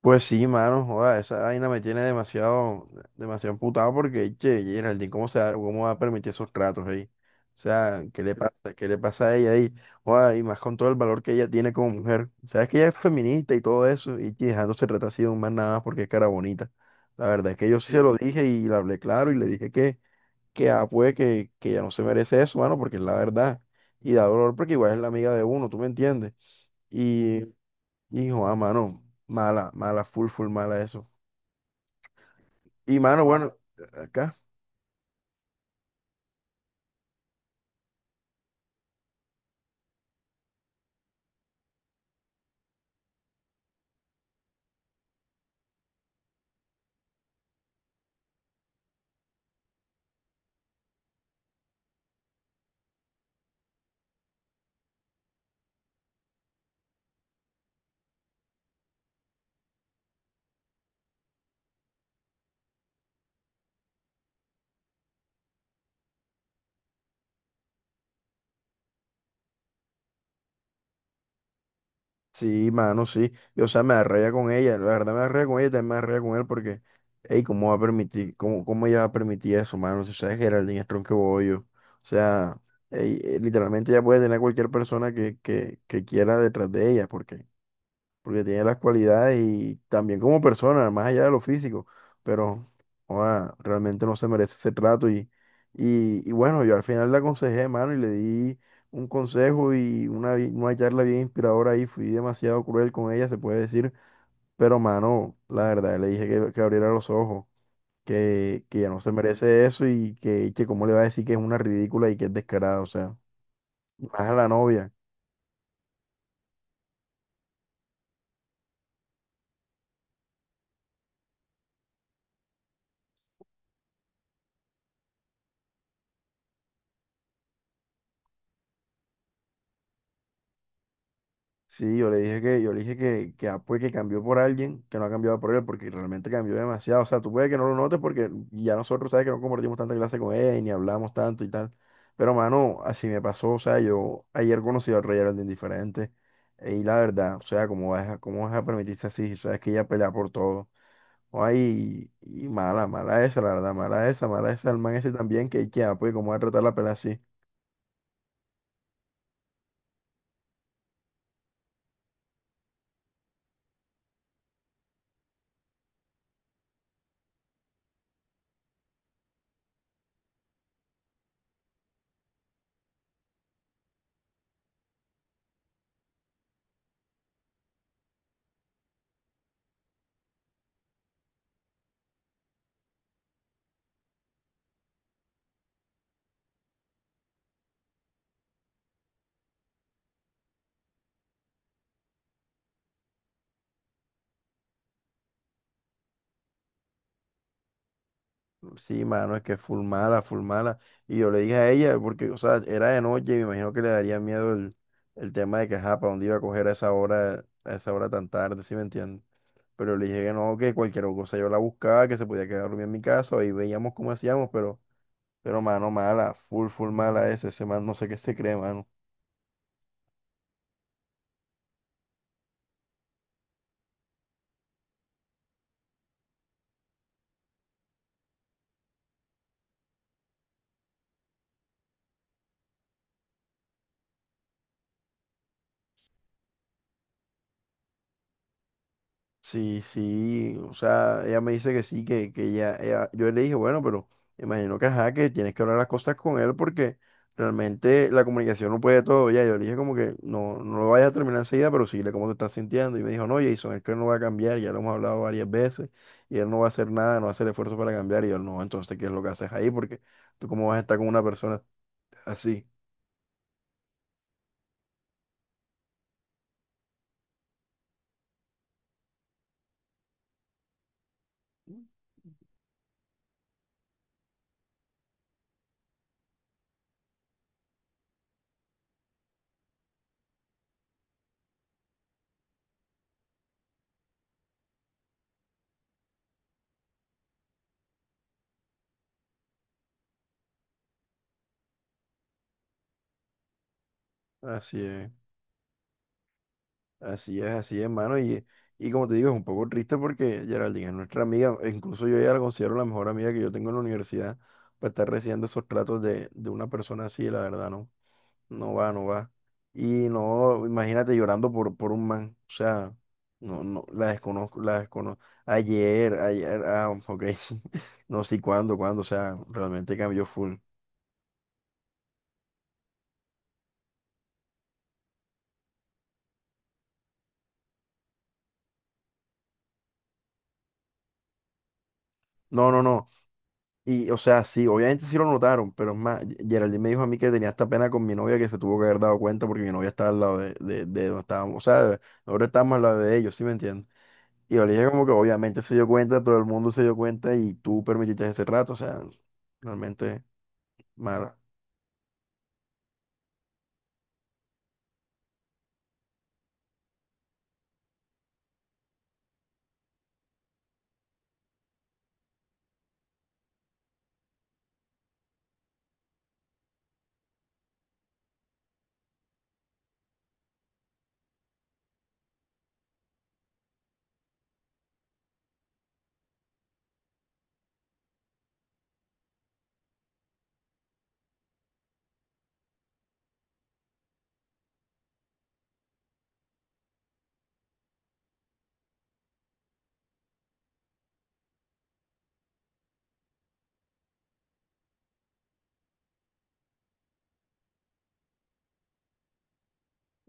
Pues sí, mano, joda, esa vaina me tiene demasiado, demasiado emputado porque, che, Geraldine, ¿cómo se da, cómo va a permitir esos tratos ahí? O sea, ¿qué le pasa? ¿Qué le pasa a ella ahí? Joda, y más con todo el valor que ella tiene como mujer. Sabes que ella es feminista y todo eso, y que dejándose tratar así de un man nada más porque es cara bonita. La verdad es que yo sí se sí lo dije y le hablé claro y le dije que, que ella no se merece eso, mano, porque es la verdad. Y da dolor porque igual es la amiga de uno, ¿tú me entiendes? Hijo, mano, mala, mala, full, full, mala eso. Y mano, bueno, acá, sí, mano, sí. Y, o sea, me arreía con ella, la verdad me arreía con ella, también me arreía con él porque, hey, ¿cómo va a permitir, cómo, cómo ella va a permitir eso, mano? Si sabes Geraldine es tronco bollo. O sea, ey, literalmente ella puede tener a cualquier persona que quiera detrás de ella porque tiene las cualidades y también como persona, más allá de lo físico, pero joda, realmente no se merece ese trato y bueno, yo al final le aconsejé, mano, y le di un consejo y una, una charla bien inspiradora ahí, fui demasiado cruel con ella, se puede decir, pero mano, la verdad, le dije que abriera los ojos. Que ya no se merece eso y que cómo le va a decir que es una ridícula y que es descarada, o sea, más a la novia. Sí, yo le dije que, yo le dije que, que cambió por alguien, que no ha cambiado por él, porque realmente cambió demasiado. O sea, tú puedes que no lo notes porque ya nosotros, sabes que no compartimos tanta clase con él, ni hablamos tanto y tal. Pero, mano, así me pasó. O sea, yo ayer conocí al Rey Geraldine diferente. Y la verdad, o sea, cómo vas a permitirse así? O sea, es que ella pelea por todo. Ay, y, mala, mala esa, la verdad, mala esa, el man ese también, que, que ¿cómo va a tratar la pelea así? Sí, mano, es que full mala, full mala. Y yo le dije a ella, porque, o sea, era de noche, me imagino que le daría miedo el tema de que, ajá, para dónde iba a coger a esa hora tan tarde, ¿sí me entiendes? Pero le dije que no, que cualquier cosa yo la buscaba, que se podía quedar dormida en mi casa, y veíamos cómo hacíamos, pero, mano, mala, full, full mala ese, ese man, no sé qué se cree, mano. Sí, sí, o sea, ella me dice que sí, que ella, yo le dije, bueno, pero imagino que ajá, que tienes que hablar las cosas con él porque realmente la comunicación no puede todo, ya, yo le dije como que no, no lo vayas a terminar enseguida, pero síguele cómo te estás sintiendo, y me dijo, no, Jason, es que él no va a cambiar, ya lo hemos hablado varias veces, y él no va a hacer nada, no va a hacer esfuerzo para cambiar, y yo, no, entonces, ¿qué es lo que haces ahí? Porque tú cómo vas a estar con una persona así, así es. Así es, así es, mano. Y como te digo, es un poco triste porque Geraldine es nuestra amiga. E incluso yo ya la considero la mejor amiga que yo tengo en la universidad. Para estar recibiendo esos tratos de una persona así, la verdad, no. No va, no va. Y no, imagínate llorando por un man. O sea, no, no, la desconozco, la desconozco. Ayer, ayer, ah, ok. No sé cuándo, cuándo. O sea, realmente cambió full. No, no, no. Y, o sea, sí, obviamente sí lo notaron, pero es más, Geraldine me dijo a mí que tenía esta pena con mi novia que se tuvo que haber dado cuenta porque mi novia estaba al lado de donde estábamos, o sea, nosotros estábamos al lado de ellos, ¿sí me entiendes? Y yo le dije como que obviamente se dio cuenta, todo el mundo se dio cuenta y tú permitiste ese rato, o sea, realmente mal.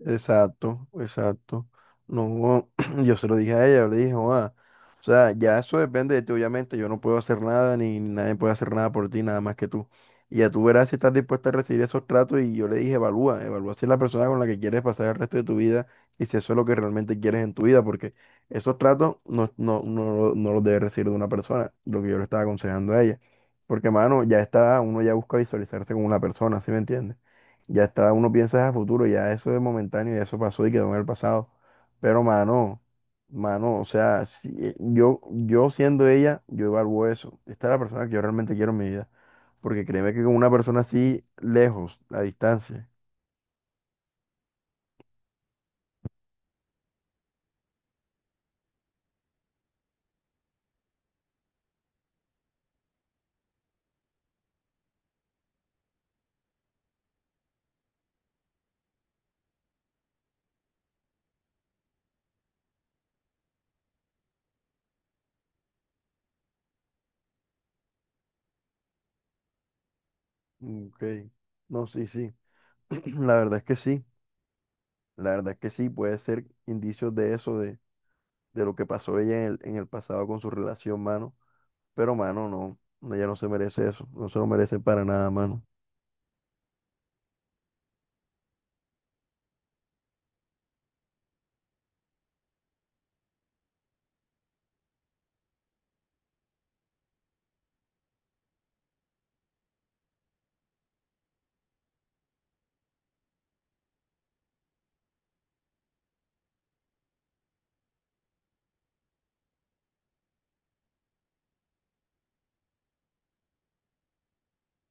Exacto, exacto. No, yo se lo dije a ella, yo le dije, "Joda, o sea, ya eso depende de ti, obviamente, yo no puedo hacer nada, ni, ni nadie puede hacer nada por ti, nada más que tú. Y ya tú verás si estás dispuesta a recibir esos tratos y yo le dije, evalúa, evalúa si es la persona con la que quieres pasar el resto de tu vida y si eso es lo que realmente quieres en tu vida, porque esos tratos no, no, no, no los debes recibir de una persona, lo que yo le estaba aconsejando a ella. Porque, mano, ya está, uno ya busca visualizarse con una persona, ¿sí me entiendes? Ya está, uno piensa a futuro, ya eso es momentáneo, ya eso pasó y quedó en el pasado. Pero mano, mano, o sea, yo, yo siendo ella, yo evalúo eso. Esta es la persona que yo realmente quiero en mi vida. Porque créeme que con una persona así, lejos, a distancia. Mm, ok. No, sí, sí. La verdad es que sí. La verdad es que sí, puede ser indicios de eso, de lo que pasó ella en el pasado con su relación, mano. Pero, mano, no. Ella no se merece eso. No se lo merece para nada, mano.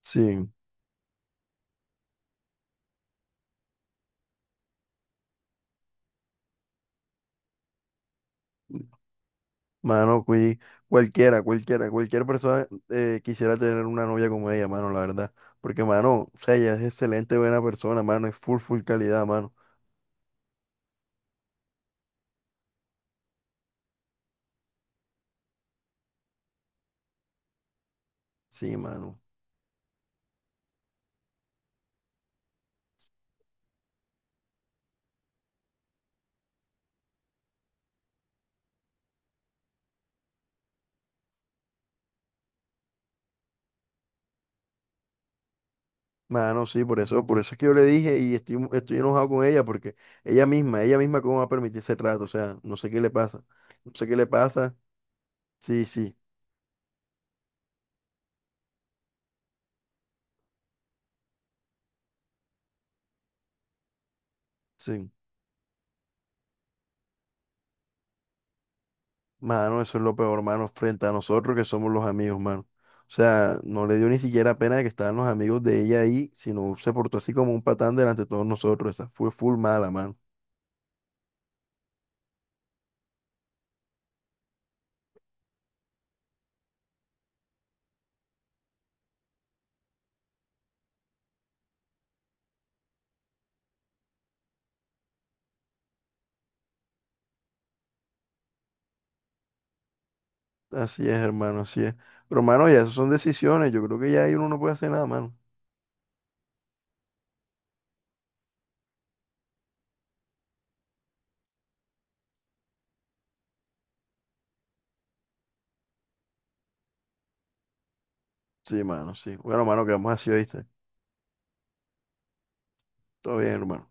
Sí. Mano, cualquiera, cualquiera, cualquier persona quisiera tener una novia como ella, mano, la verdad. Porque, mano, o sea, ella es excelente, buena persona, mano, es full, full calidad, mano. Sí, mano. Mano, sí, por eso es que yo le dije y estoy, estoy enojado con ella porque ella misma cómo va a permitir ese rato, o sea, no sé qué le pasa. No sé qué le pasa. Sí, sí, sí. Mano, eso es lo peor, mano, frente a nosotros que somos los amigos, mano. O sea, no le dio ni siquiera pena de que estaban los amigos de ella ahí, sino se portó así como un patán delante de todos nosotros. Esa fue full mala, mano. Así es, hermano, así es. Pero, mano, ya esas son decisiones. Yo creo que ya ahí uno no puede hacer nada, mano. Sí, mano, sí. Bueno, mano, quedamos así, ¿viste? Todo bien, hermano.